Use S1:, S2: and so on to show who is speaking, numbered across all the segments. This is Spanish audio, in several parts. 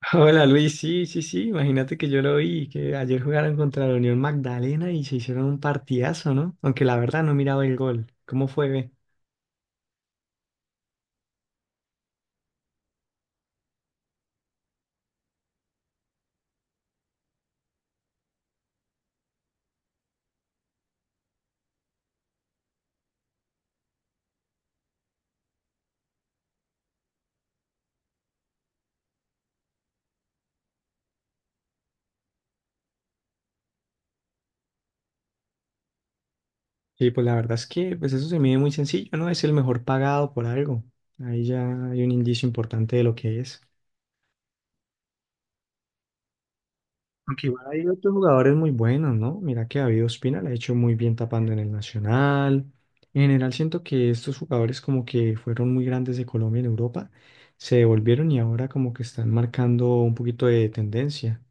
S1: Hola Luis, sí, sí, sí, imagínate que yo lo vi, que ayer jugaron contra la Unión Magdalena y se hicieron un partidazo, ¿no? Aunque la verdad no miraba el gol. ¿Cómo fue? ¿Ve? Sí, pues la verdad es que pues eso se mide muy sencillo, ¿no? Es el mejor pagado por algo. Ahí ya hay un indicio importante de lo que es. Aunque igual hay otros jugadores muy buenos, ¿no? Mira que David Ospina la ha hecho muy bien tapando en el Nacional. En general siento que estos jugadores como que fueron muy grandes de Colombia en Europa, se devolvieron y ahora como que están marcando un poquito de tendencia.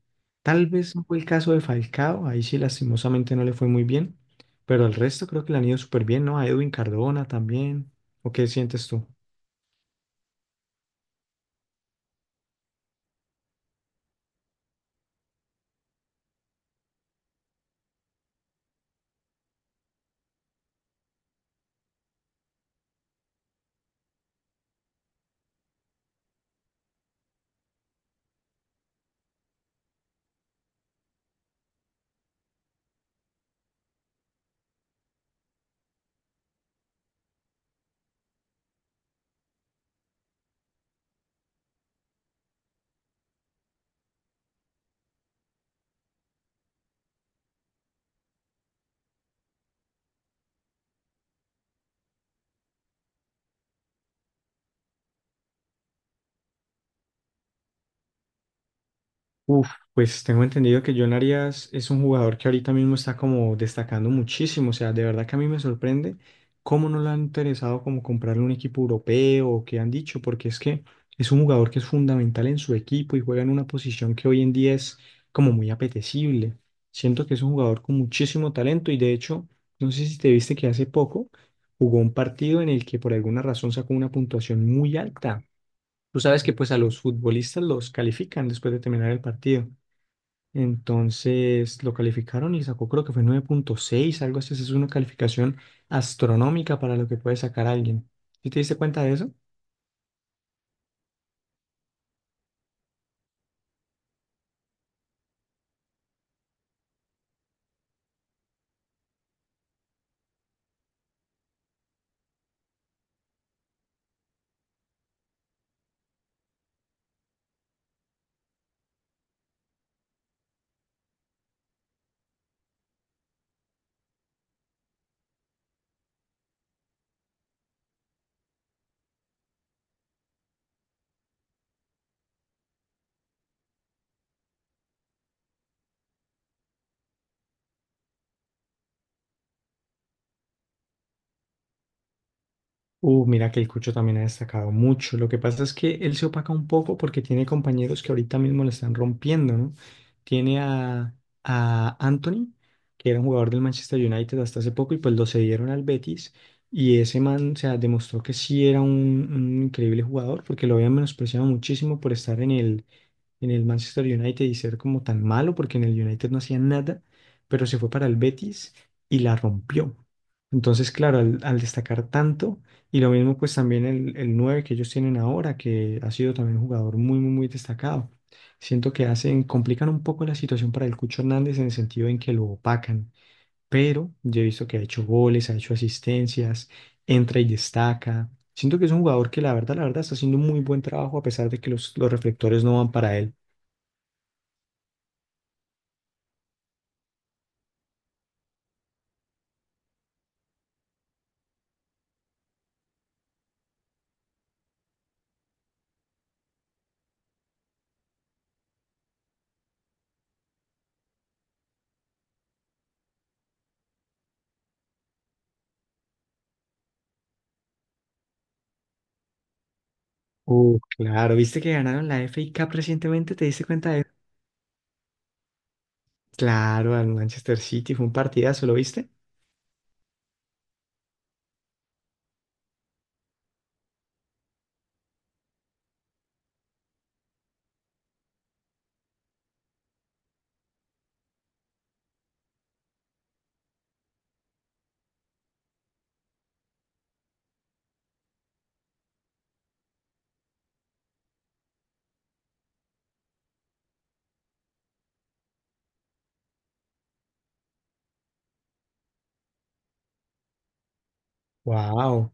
S1: Tal vez no fue el caso de Falcao, ahí sí lastimosamente no le fue muy bien, pero el resto creo que le han ido súper bien, ¿no? A Edwin Cardona también. ¿O qué sientes tú? Uf, pues tengo entendido que John Arias es un jugador que ahorita mismo está como destacando muchísimo. O sea, de verdad que a mí me sorprende cómo no le han interesado como comprarle un equipo europeo o qué han dicho, porque es que es un jugador que es fundamental en su equipo y juega en una posición que hoy en día es como muy apetecible. Siento que es un jugador con muchísimo talento y de hecho, no sé si te viste que hace poco jugó un partido en el que por alguna razón sacó una puntuación muy alta. Tú sabes que pues a los futbolistas los califican después de terminar el partido. Entonces lo calificaron y sacó creo que fue nueve punto seis algo así. Esa es una calificación astronómica para lo que puede sacar alguien. ¿Sí te diste cuenta de eso? Mira que el Cucho también ha destacado mucho. Lo que pasa es que él se opaca un poco porque tiene compañeros que ahorita mismo le están rompiendo, ¿no? Tiene a Anthony, que era un jugador del Manchester United hasta hace poco, y pues lo cedieron al Betis. Y ese man, o sea, demostró que sí era un increíble jugador porque lo habían menospreciado muchísimo por estar en el Manchester United y ser como tan malo, porque en el United no hacía nada, pero se fue para el Betis y la rompió. Entonces, claro, al destacar tanto, y lo mismo pues también el 9 que ellos tienen ahora, que ha sido también un jugador muy, muy, muy destacado. Siento que hacen, complican un poco la situación para el Cucho Hernández en el sentido en que lo opacan, pero yo he visto que ha hecho goles, ha hecho asistencias, entra y destaca. Siento que es un jugador que la verdad está haciendo un muy buen trabajo a pesar de que los reflectores no van para él. Claro, ¿viste que ganaron la FA Cup recientemente? ¿Te diste cuenta de eso? Claro, al Manchester City, fue un partidazo, ¿lo viste? Wow. O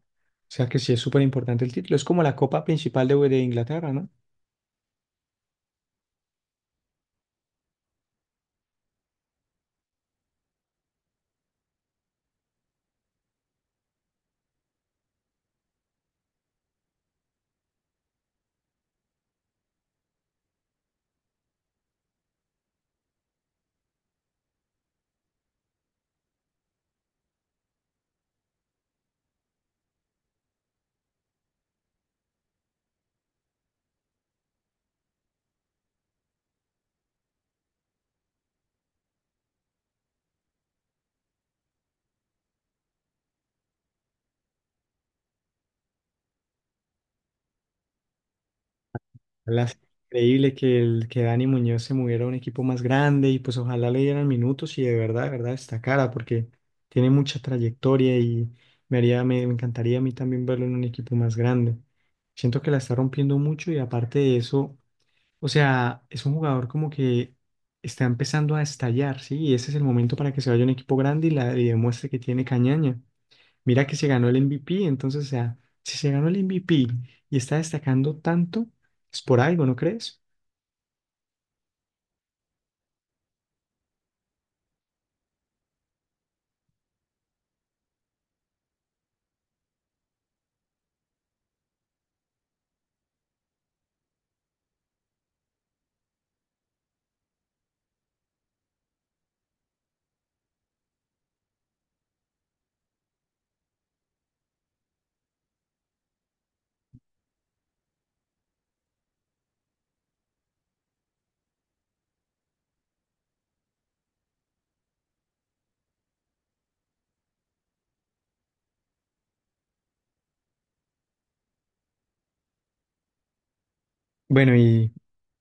S1: sea que sí es súper importante el título. Es como la copa principal de Inglaterra, ¿no? La- Increíble que, el, que Dani Muñoz se moviera a un equipo más grande y pues ojalá le dieran minutos y de verdad destacara porque tiene mucha trayectoria y me haría, me encantaría a mí también verlo en un equipo más grande. Siento que la está rompiendo mucho y aparte de eso, o sea, es un jugador como que está empezando a estallar, ¿sí? Y ese es el momento para que se vaya a un equipo grande y, la, y demuestre que tiene cañaña. Mira que se ganó el MVP, entonces, o sea, si se ganó el MVP y está destacando tanto, es por algo, ¿no crees? Bueno, y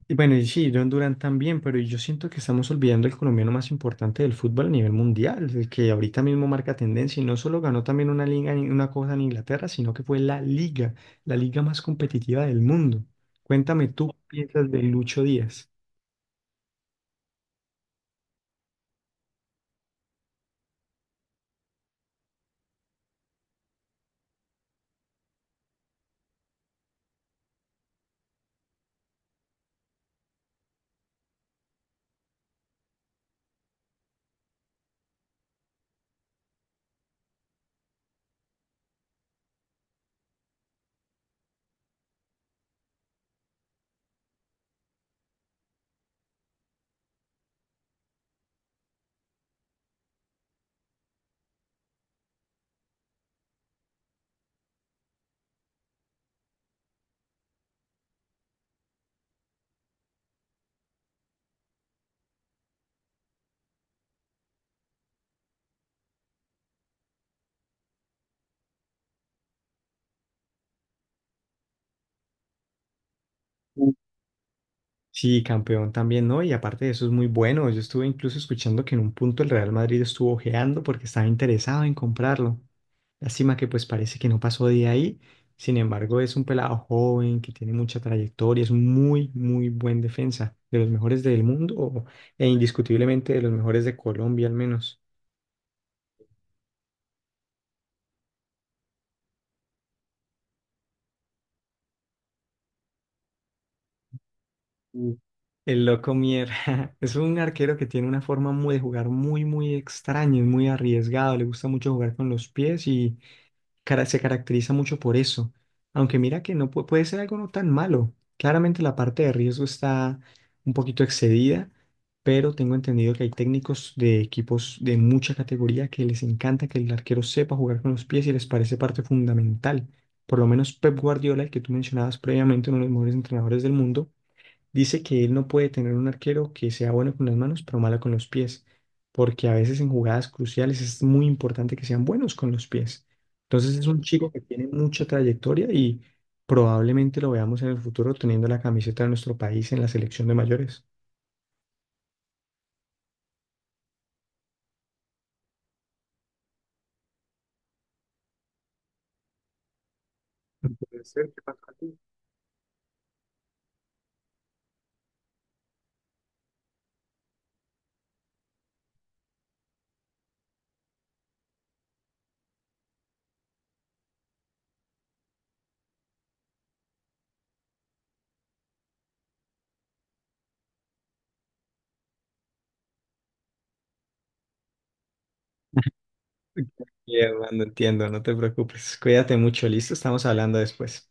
S1: Y bueno, y sí, John Durán también, pero yo siento que estamos olvidando el colombiano más importante del fútbol a nivel mundial, el que ahorita mismo marca tendencia y no solo ganó también una liga, una cosa en Inglaterra, sino que fue la liga más competitiva del mundo. Cuéntame tú, ¿qué piensas de Lucho Díaz? Mm. Sí, campeón también, ¿no? Y aparte de eso es muy bueno. Yo estuve incluso escuchando que en un punto el Real Madrid estuvo ojeando porque estaba interesado en comprarlo. Lástima que pues parece que no pasó de ahí. Sin embargo, es un pelado joven que tiene mucha trayectoria, es un muy, muy buen defensa, de los mejores del mundo e indiscutiblemente de los mejores de Colombia al menos. Mm. El loco Mier es un arquero que tiene una forma muy de jugar muy, muy extraña, es muy arriesgado, le gusta mucho jugar con los pies se caracteriza mucho por eso. Aunque mira que no puede ser algo no tan malo. Claramente la parte de riesgo está un poquito excedida, pero tengo entendido que hay técnicos de equipos de mucha categoría que les encanta que el arquero sepa jugar con los pies y les parece parte fundamental. Por lo menos Pep Guardiola, el que tú mencionabas previamente, uno de los mejores entrenadores del mundo, dice que él no puede tener un arquero que sea bueno con las manos, pero malo con los pies, porque a veces en jugadas cruciales es muy importante que sean buenos con los pies. Entonces es un chico que tiene mucha trayectoria y probablemente lo veamos en el futuro teniendo la camiseta de nuestro país en la selección de mayores. Bien, Armando, entiendo, no te preocupes. Cuídate mucho, listo, estamos hablando después.